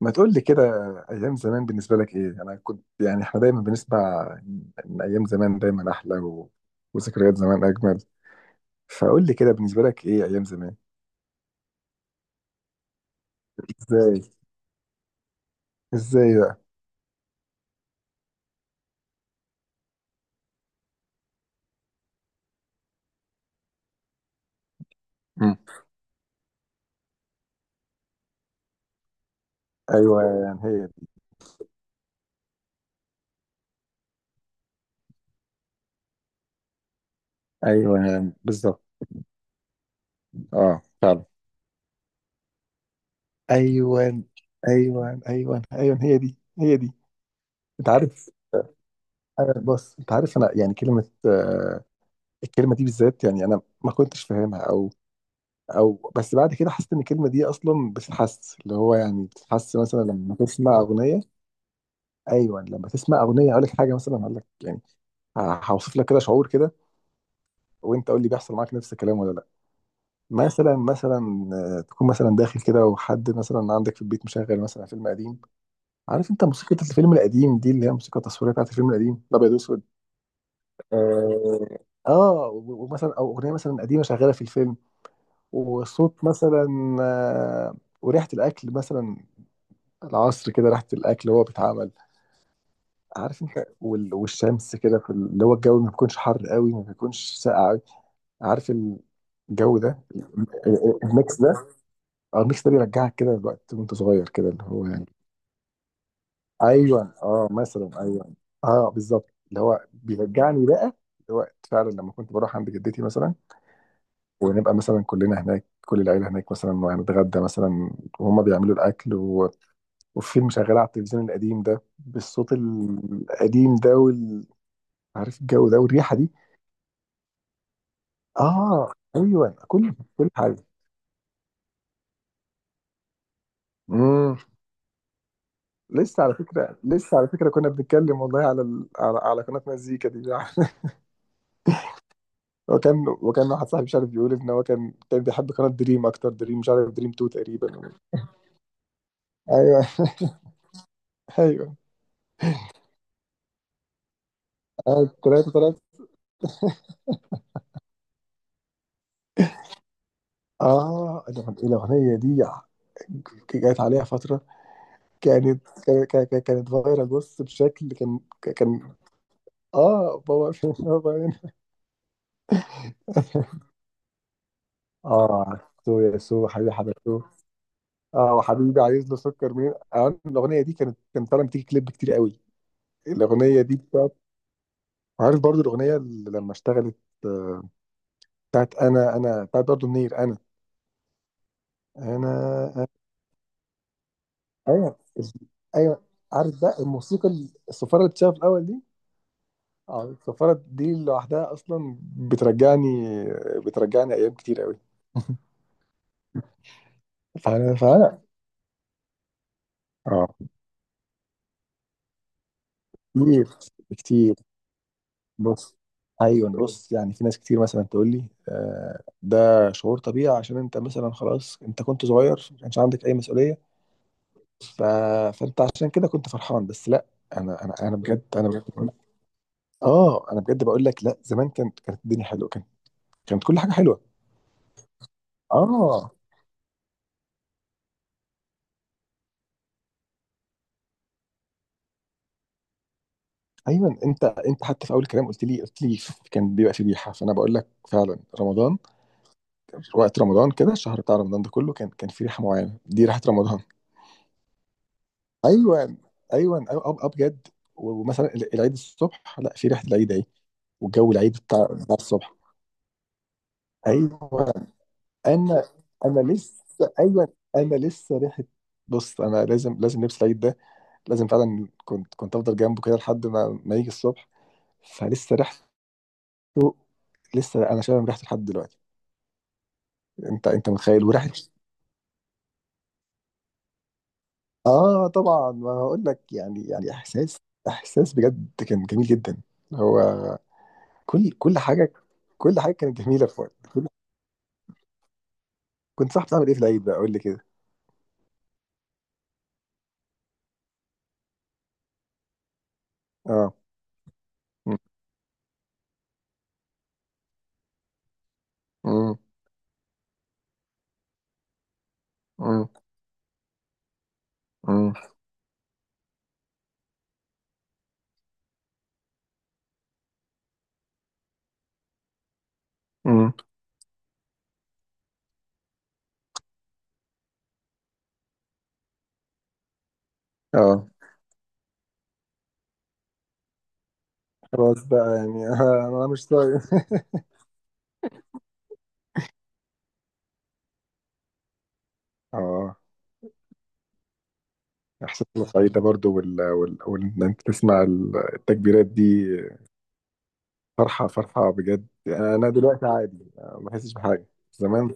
ما تقول لي كده. ايام زمان بالنسبه لك ايه؟ انا كنت يعني احنا دايما بنسمع ان ايام زمان دايما احلى، وذكريات زمان اجمل. فقول لي كده، بالنسبه لك ايه ايام زمان؟ ازاي؟ ازاي بقى؟ مم. ايوه، يعني هي دي. ايوه بالظبط. اه فعلا. ايوه ايوه ايوه ايوه، هي دي هي دي. انت عارف، انا يعني كلمه، الكلمه دي بالذات يعني انا ما كنتش فاهمها او، بس بعد كده حسيت ان الكلمه دي اصلا بتتحس، اللي هو يعني بتتحس مثلا لما تسمع اغنيه. ايوه لما تسمع اغنيه اقول لك حاجه، مثلا هقول لك يعني، هوصف لك كده شعور كده، وانت قول لي بيحصل معاك نفس الكلام ولا لا. مثلا مثلا، تكون مثلا داخل كده، وحد مثلا عندك في البيت مشغل مثلا فيلم قديم. عارف انت موسيقى الفيلم القديم دي، اللي هي موسيقى التصويريه بتاعت الفيلم القديم الابيض واسود؟ اه، ومثلا او اغنيه مثلا قديمه شغاله في الفيلم، والصوت مثلا، وريحه الاكل مثلا، العصر كده ريحة الأكل وهو بيتعمل، عارف أنت؟ والشمس كده اللي هو الجو ما بيكونش حر قوي ما بيكونش ساقع قوي، عارف الجو ده؟ الميكس ده، اه الميكس ده بيرجعك كده لوقت وأنت صغير كده، اللي هو يعني، أيوه أه مثلا أيوه. أه بالظبط، اللي هو بيرجعني بقى لوقت فعلا لما كنت بروح عند جدتي مثلا، ونبقى مثلا كلنا هناك، كل العيلة هناك مثلا وهنتغدى مثلا، وهم بيعملوا الأكل، وفيلم شغال على التلفزيون القديم ده بالصوت القديم ده عارف الجو ده والريحه دي. اه ايوه، كل حاجه. امم. لسه على فكره، كنا بنتكلم والله على قناه مزيكا دي وكان واحد صاحبي، مش عارف، بيقول ان هو كان بيحب قناه دريم اكتر، دريم مش عارف، دريم 2 تقريبا. ايوه. ايوه. ثلاثه ثلاثه. اه الاغنيه دي جت عليها فتره، كانت فايرال بص، بشكل كان. اه بابا بابا هنا. اه سو يا سو حبيبي حبيبتو. اه وحبيبي عايز له سكر منين، آه الاغنيه دي كانت طالعه بتيجي كليب كتير قوي. الاغنيه دي بتاعت، عارف برضو الاغنيه اللي لما اشتغلت، آه، بتاعت انا، بتاعت برضو منير، انا انا أنا- ايوه ايوه. عارف بقى الموسيقى، الصفاره اللي بتشتغل في الاول دي، اه السفارة دي لوحدها أصلا بترجعني، أيام كتير أوي. فأنا اه كتير، كتير بص. أيوة بص، يعني في ناس كتير مثلا تقول لي آه ده شعور طبيعي، عشان أنت مثلا خلاص أنت كنت صغير ما كانش عندك أي مسؤولية، ف... فأنت عشان كده كنت فرحان. بس لا، أنا بجد، اه أنا بجد بقول لك لا، زمان كانت الدنيا حلوة، كانت كل حاجة حلوة. اه ايوه، انت حتى في اول الكلام قلت لي، كان بيبقى في ريحه. فانا بقول لك فعلا رمضان، وقت رمضان كده، الشهر بتاع رمضان ده كله كان في ريحه معينه، دي ريحه رمضان. ايوه ايوه، ابجد. ومثلا العيد الصبح، لا في ريحه العيد اهي، والجو العيد بتاع الصبح. ايوه. انا انا لسه، ايوه انا لسه ريحه. بص انا لازم، لبس العيد ده لازم، فعلا كنت افضل جنبه كده لحد ما يجي الصبح. فلسه ريحه، لسه انا شامم ريحته لحد دلوقتي. انت متخيل؟ وريحه، اه طبعا، ما هقول لك، يعني يعني احساس، احساس بجد كان جميل جدا. هو كل حاجه، كل حاجه كانت جميله في وقت كنت صاحب، بتعمل ايه في العيد بقى؟ قول لي كده. اه. م- م- م- م- م. اه خلاص بقى يعني آه انا مش طايق اه احساس الصعيد ده برضه ان انت تسمع التكبيرات دي، فرحه فرحه بجد يعني. انا دلوقتي عادي، ما بحسش بحاجه. زمان،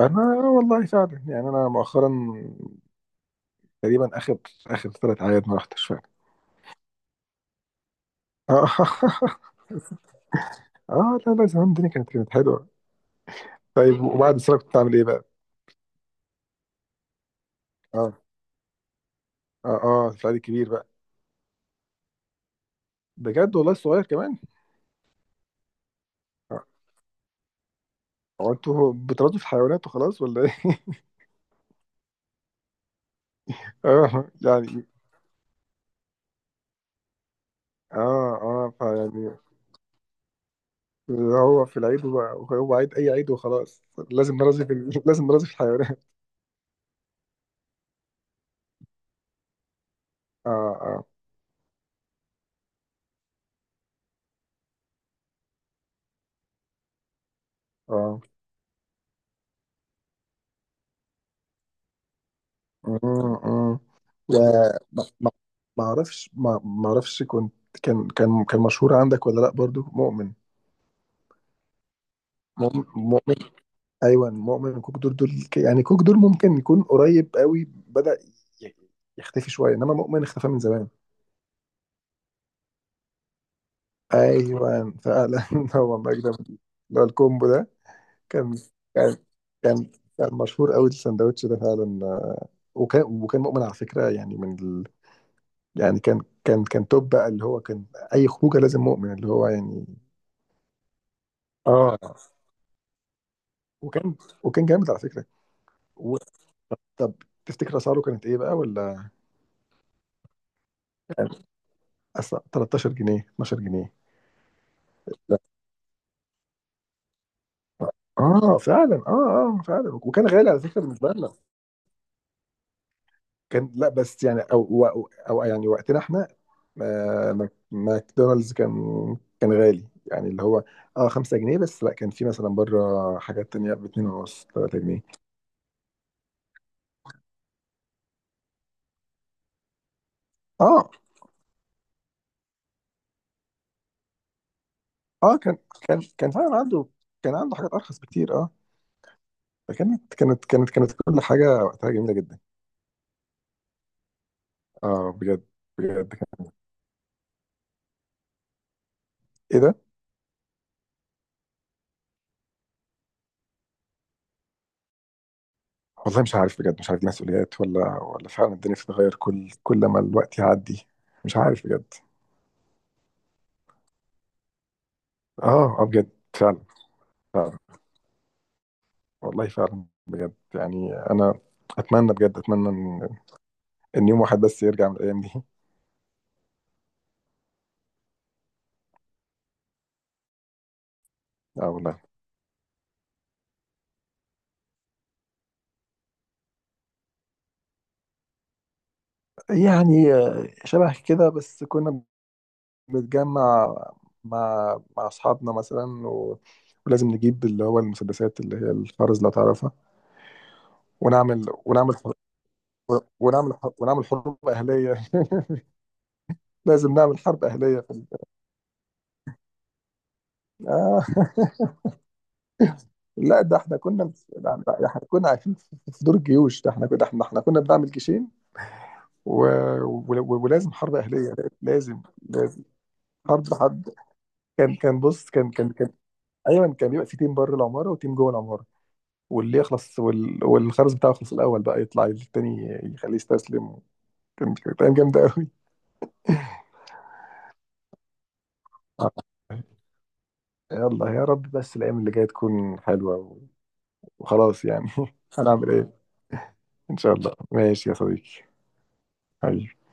انا والله فعلا يعني، انا مؤخرا تقريبا اخر، ثلاث اعياد ما رحتش فعلا. اه. اه لا لا، زمان الدنيا كانت حلوه. طيب، وبعد السنه كنت بتعمل ايه بقى؟ اه اه اه في العيد الكبير بقى. بجد والله الصغير كمان. آه. هو انتوا بترازوا في الحيوانات وخلاص ولا ايه؟ اه يعني. اه اه فيعني هو في العيد، هو عيد اي عيد وخلاص لازم نرازي في لازم نرازي في الحيوانات. اه اه اه. مم، مم. و- ما ما- ما اعرفش، ما ما اعرفش كنت، كان مشهور عندك ولا لا برضو مؤمن؟ مؤمن, مؤمن. ايوه مؤمن. كوك دول يعني كوك دول ممكن يكون قريب قوي بدأ ي- يختفي شويه، انما مؤمن اختفى من زمان. ايوه فعلا. هو مجد اللي هو الكومبو ده. كان كان كان كان مشهور قوي السندوتش ده فعلا، وكان مؤمن على فكره يعني من، يعني كان توب بقى، اللي هو كان اي خروجه لازم مؤمن، اللي هو يعني. اه. وكان وكان جامد على فكره. و... طب، تفتكر اسعاره كانت ايه بقى ولا؟ يعني أصل 13 جنيه، 12 جنيه. لا. اه فعلا اه اه فعلا، وكان غالي على فكره بالنسبه لنا. كان، لا بس يعني او, أو يعني وقتنا احنا ماكدونالدز كان غالي يعني، اللي هو اه 5 جنيه. بس لا كان في مثلا بره حاجات تانية ب 2 ونص، 3 جنيه. اه اه كان فعلا عنده، كان عنده حاجات ارخص بكتير اه. فكانت كانت كانت كانت كل حاجه وقتها جميله جدا. اه بجد. بجد كان، ايه ده؟ والله مش عارف بجد، مش عارف دي مسؤوليات ولا فعلا الدنيا بتتغير كل ما الوقت يعدي. مش عارف بجد. اه اه بجد. فعلا فعلا. والله فعلا بجد يعني انا، اتمنى بجد، اتمنى ان يوم واحد بس يرجع من الايام دي. اه والله. يعني شبه كده، بس كنا بنتجمع مع أصحابنا مثلا و... ولازم نجيب اللي هو المسدسات اللي هي الخرز لو تعرفها، ونعمل حرب، ونعمل حروب أهلية. لازم نعمل حرب أهلية في آه. لا، ده احنا كنا، لا، لا، احنا كنا عايشين في دور الجيوش ده، احنا كنا، احنا احنا كنا بنعمل جيشين، و... و... ولازم حرب أهلية لازم، لازم حرب، حرب. كان، ايوه كان بيبقى في تيم بره العماره وتيم جوه العماره. والخرز بتاعه يخلص الاول بقى يطلع التاني يخليه يستسلم. كانت ايام جامده قوي. آه. يلا يا رب بس الايام اللي جايه تكون حلوه، و- وخلاص يعني. هنعمل ايه؟ ان شاء الله. ماشي يا صديقي. حبيبي.